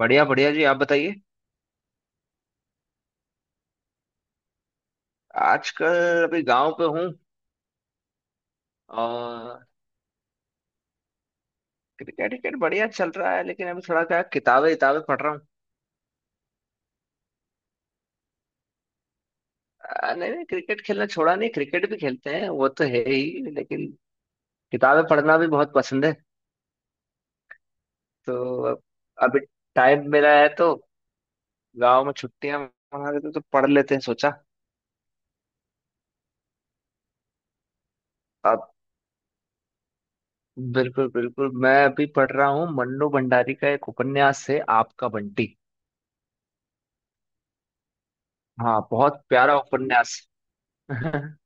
बढ़िया बढ़िया जी, आप बताइए। आजकल अभी गांव पे हूँ। और क्रिकेट विकेट बढ़िया चल रहा है, लेकिन अभी थोड़ा क्या किताबें किताबें पढ़ रहा हूँ। नहीं नहीं, क्रिकेट खेलना छोड़ा नहीं, क्रिकेट भी खेलते हैं, वो तो है ही, लेकिन किताबें पढ़ना भी बहुत पसंद है। तो अभी टाइम मिला है तो गांव में छुट्टियां मना रहे थे तो पढ़ लेते हैं, सोचा। अब बिल्कुल बिल्कुल, मैं अभी पढ़ रहा हूँ मन्नू भंडारी का, एक उपन्यास है आपका बंटी। हाँ, बहुत प्यारा उपन्यास।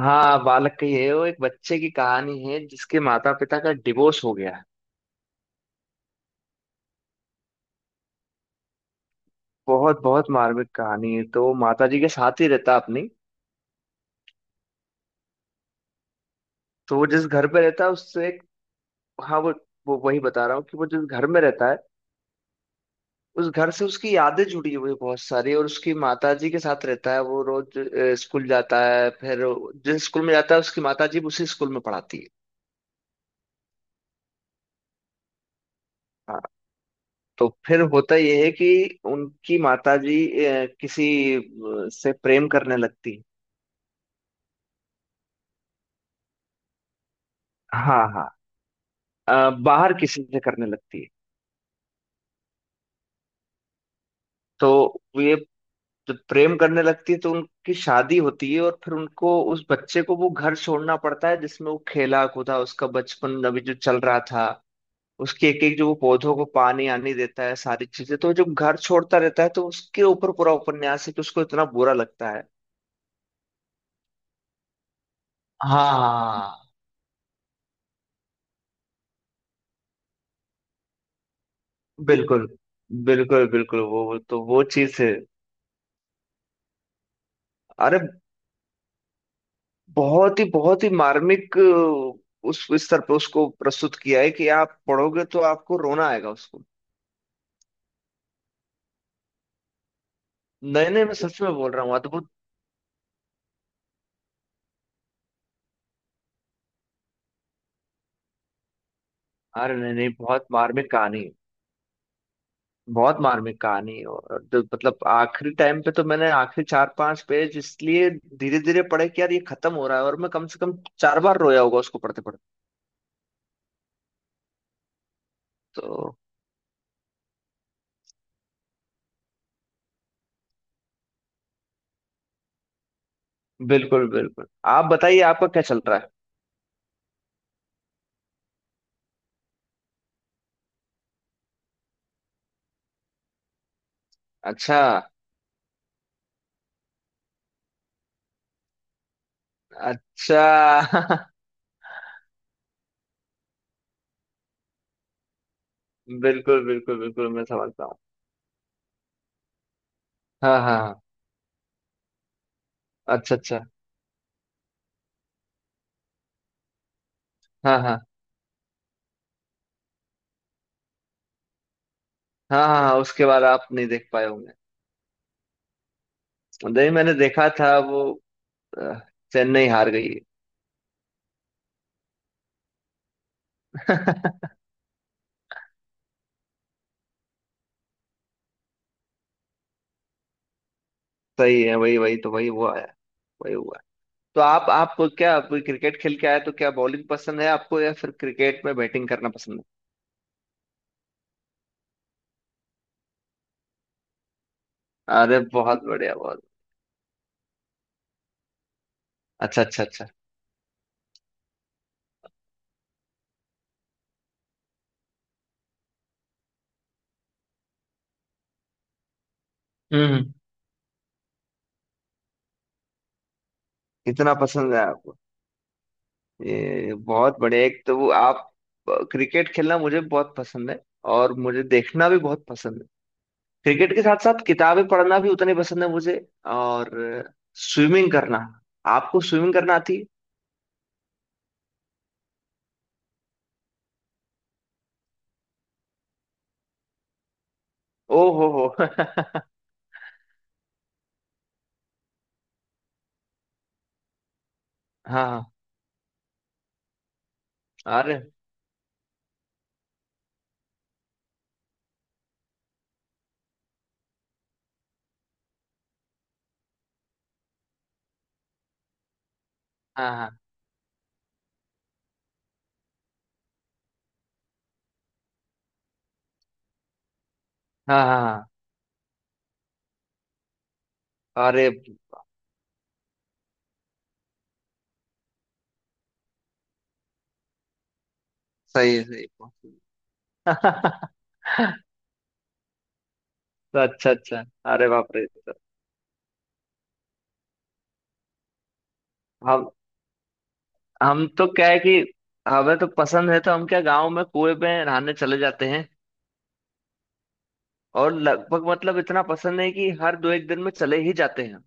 हाँ, बालक की है, वो एक बच्चे की कहानी है जिसके माता पिता का डिवोर्स हो गया है। बहुत बहुत मार्मिक कहानी है। तो माता जी के साथ ही रहता है अपनी। तो वो जिस घर पे रहता है उससे एक, हाँ, वो वही बता रहा हूँ कि वो जिस घर में रहता है उस घर से उसकी यादें जुड़ी हुई हैं बहुत सारी। और उसकी माता जी के साथ रहता है, वो रोज स्कूल जाता है। फिर जिस स्कूल में जाता है उसकी माता जी उसी स्कूल में पढ़ाती है। हाँ, तो फिर होता यह है कि उनकी माता जी किसी से प्रेम करने लगती है। हाँ हाँ, बाहर किसी से करने लगती है। तो वो ये जब प्रेम करने लगती है तो उनकी शादी होती है और फिर उनको उस बच्चे को वो घर छोड़ना पड़ता है जिसमें वो खेला कूदा, उसका बचपन अभी जो चल रहा था। उसके एक एक जो वो पौधों को पानी आनी देता है, सारी चीजें, तो जब घर छोड़ता रहता है तो उसके ऊपर पूरा उपन्यास है कि उसको इतना बुरा लगता है। हाँ, बिल्कुल बिल्कुल बिल्कुल, तो वो चीज है। अरे बहुत ही मार्मिक, उस स्तर पे उसको प्रस्तुत किया है कि आप पढ़ोगे तो आपको रोना आएगा उसको। नहीं नहीं, मैं सच में बोल रहा हूँ, अद्भुत। अरे नहीं नहीं, बहुत मार्मिक कहानी है। बहुत मार्मिक कहानी है। और मतलब आखिरी टाइम पे तो मैंने आखिरी चार पांच पेज इसलिए धीरे धीरे पढ़े कि यार ये खत्म हो रहा है, और मैं कम से कम चार बार रोया होगा उसको पढ़ते पढ़ते। तो बिल्कुल बिल्कुल। आप बताइए, आपका क्या चल रहा है। अच्छा अच्छा। बिल्कुल बिल्कुल बिल्कुल, मैं समझता हूँ। हाँ हाँ हाँ। अच्छा अच्छा। हाँ हाँ हाँ। हाँ हाँ, उसके बाद आप नहीं देख पाए होंगे। नहीं, मैंने देखा था वो। अ, चेन्नई हार गई है। सही है, वही वही तो वही वो आया। वही हुआ। तो आप क्या, आप क्रिकेट खेल के आए तो क्या बॉलिंग पसंद है आपको या फिर क्रिकेट में बैटिंग करना पसंद है? अरे बहुत बढ़िया, बहुत। अच्छा अच्छा अच्छा। हम्म इतना पसंद है आपको? ये बहुत बढ़िया। एक तो वो आप, क्रिकेट खेलना मुझे बहुत पसंद है और मुझे देखना भी बहुत पसंद है। क्रिकेट के साथ साथ किताबें पढ़ना भी उतनी पसंद है मुझे। और स्विमिंग करना। आपको स्विमिंग करना आती है? ओ हो हाँ हाँ, अरे हाँ हाँ हाँ हाँ हाँ, अरे सही है, सही है। तो अच्छा अच्छा। अरे बाप रे, तो हम हम तो क्या है कि हमें तो पसंद है तो हम क्या, गांव में कुएं पे नहाने चले जाते हैं। और लगभग मतलब इतना पसंद है कि हर दो एक दिन में चले ही जाते हैं।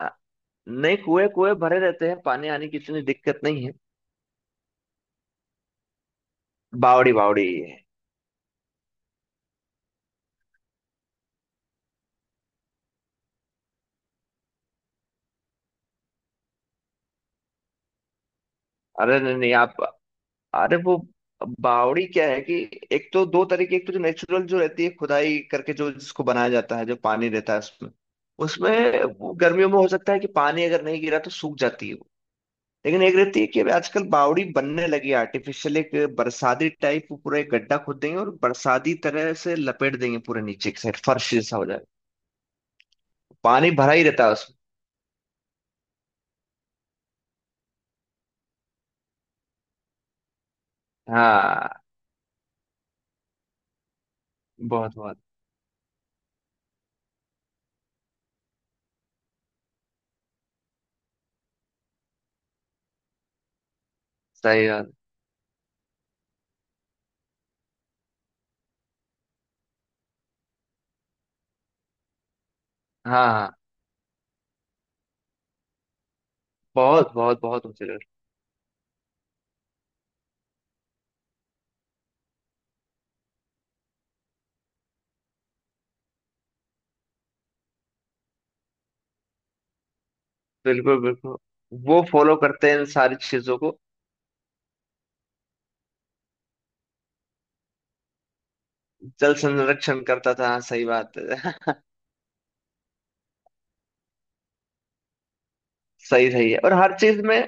अ, नहीं, कुएं कुएं भरे रहते हैं, पानी आने की इतनी दिक्कत नहीं है। बावड़ी बावड़ी। अरे नहीं नहीं, आप, अरे वो बावड़ी क्या है कि एक तो दो तरीके, एक तो जो नेचुरल जो रहती है, खुदाई करके जो जिसको बनाया जाता है, जो पानी रहता है उसमें। उसमें वो गर्मियों में हो सकता है कि पानी अगर नहीं गिरा तो सूख जाती है वो। लेकिन एक रहती है कि अभी आजकल बावड़ी बनने लगी है आर्टिफिशियल, एक बरसाती टाइप। वो पूरा एक गड्ढा खोद देंगे और बरसाती तरह से लपेट देंगे, पूरे नीचे की साइड फर्श जैसा हो जाएगा। पानी भरा ही रहता है उसमें। हाँ, बहुत बहुत। सही बात। हाँ हाँ, बहुत बहुत बहुत ऊंचे। बिल्कुल बिल्कुल, वो फॉलो करते हैं इन सारी चीजों को। जल संरक्षण करता था, हाँ सही बात है। सही सही है। और हर चीज में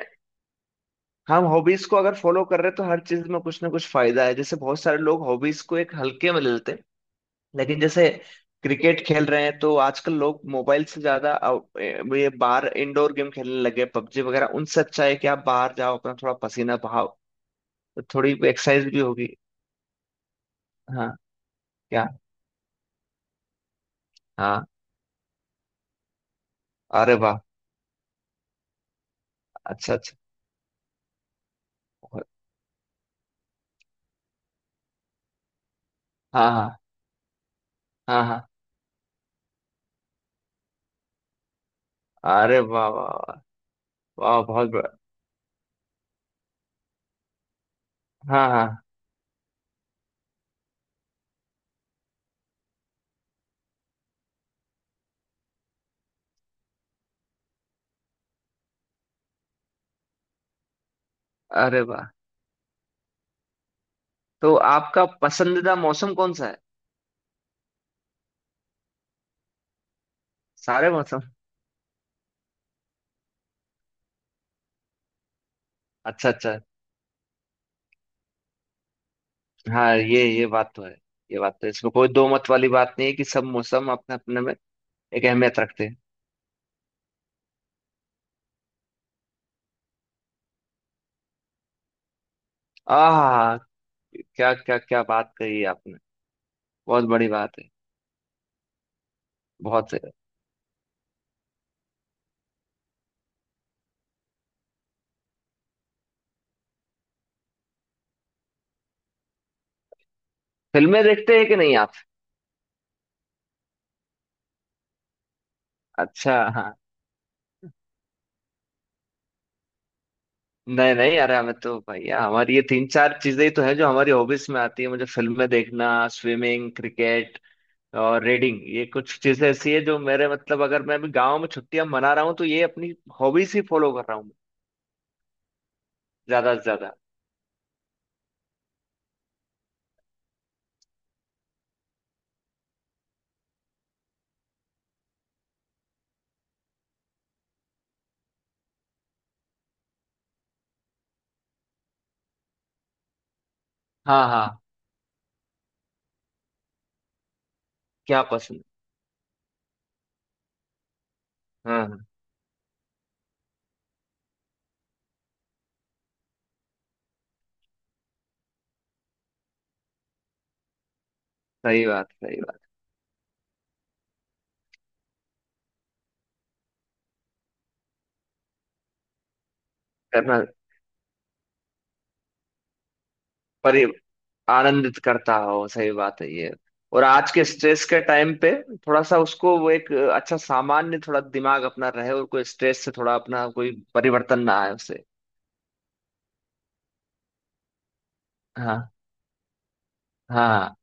हम हॉबीज को अगर फॉलो कर रहे हैं तो हर चीज में कुछ ना कुछ फायदा है। जैसे बहुत सारे लोग हॉबीज को एक हल्के में ले लेते हैं, लेकिन जैसे क्रिकेट खेल रहे हैं, तो आजकल लोग मोबाइल से ज्यादा ये बाहर इंडोर गेम खेलने लगे, पबजी वगैरह। उनसे अच्छा है कि आप बाहर जाओ, अपना थोड़ा पसीना बहाओ, तो थोड़ी एक्सरसाइज भी होगी। हाँ। क्या। हाँ। अरे वाह। अच्छा अच्छा। हाँ हाँ हाँ हाँ। अरे वाह वाह वाह। वाह, बहुत बड़ा। हाँ हाँ। अरे वाह। तो आपका पसंदीदा मौसम कौन सा है? सारे मौसम। अच्छा अच्छा। हाँ, ये बात तो है, ये बात तो है, इसमें कोई दो मत वाली बात नहीं है कि सब मौसम अपने अपने में एक अहमियत रखते हैं। आह, क्या क्या क्या बात कही है आपने, बहुत बड़ी बात है। बहुत सही बात। फिल्में देखते हैं कि नहीं आप? अच्छा हाँ। नहीं नहीं, अरे हमें तो भैया, हमारी ये तीन चार चीजें ही तो है जो हमारी हॉबीज में आती है। मुझे फिल्में देखना, स्विमिंग, क्रिकेट और रीडिंग, ये कुछ चीजें ऐसी है जो मेरे, मतलब अगर मैं अभी गांव में छुट्टियां मना रहा हूँ तो ये अपनी हॉबीज ही फॉलो कर रहा हूँ मैं, ज्यादा से ज्यादा। हाँ हाँ। क्या पसंद। हाँ हाँ, सही बात सही बात। करना परि आनंदित करता हो, सही बात है ये। और आज के स्ट्रेस के टाइम पे थोड़ा सा उसको वो एक अच्छा सामान्य थोड़ा दिमाग अपना रहे और कोई स्ट्रेस से थोड़ा अपना कोई परिवर्तन ना आए उसे। हाँ हाँ।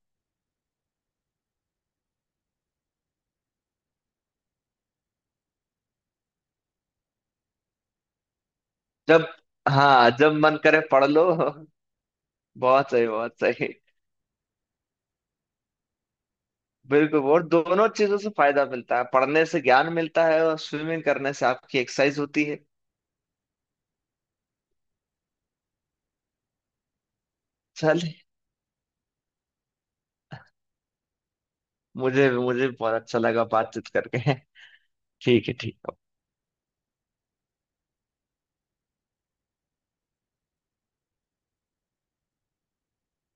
जब। हाँ, जब मन करे पढ़ लो। बहुत सही, बहुत सही। बिल्कुल, और दोनों चीजों से फायदा मिलता है, पढ़ने से ज्ञान मिलता है और स्विमिंग करने से आपकी एक्सरसाइज होती है। चल, मुझे मुझे बहुत अच्छा लगा बातचीत करके। ठीक है ठीक है।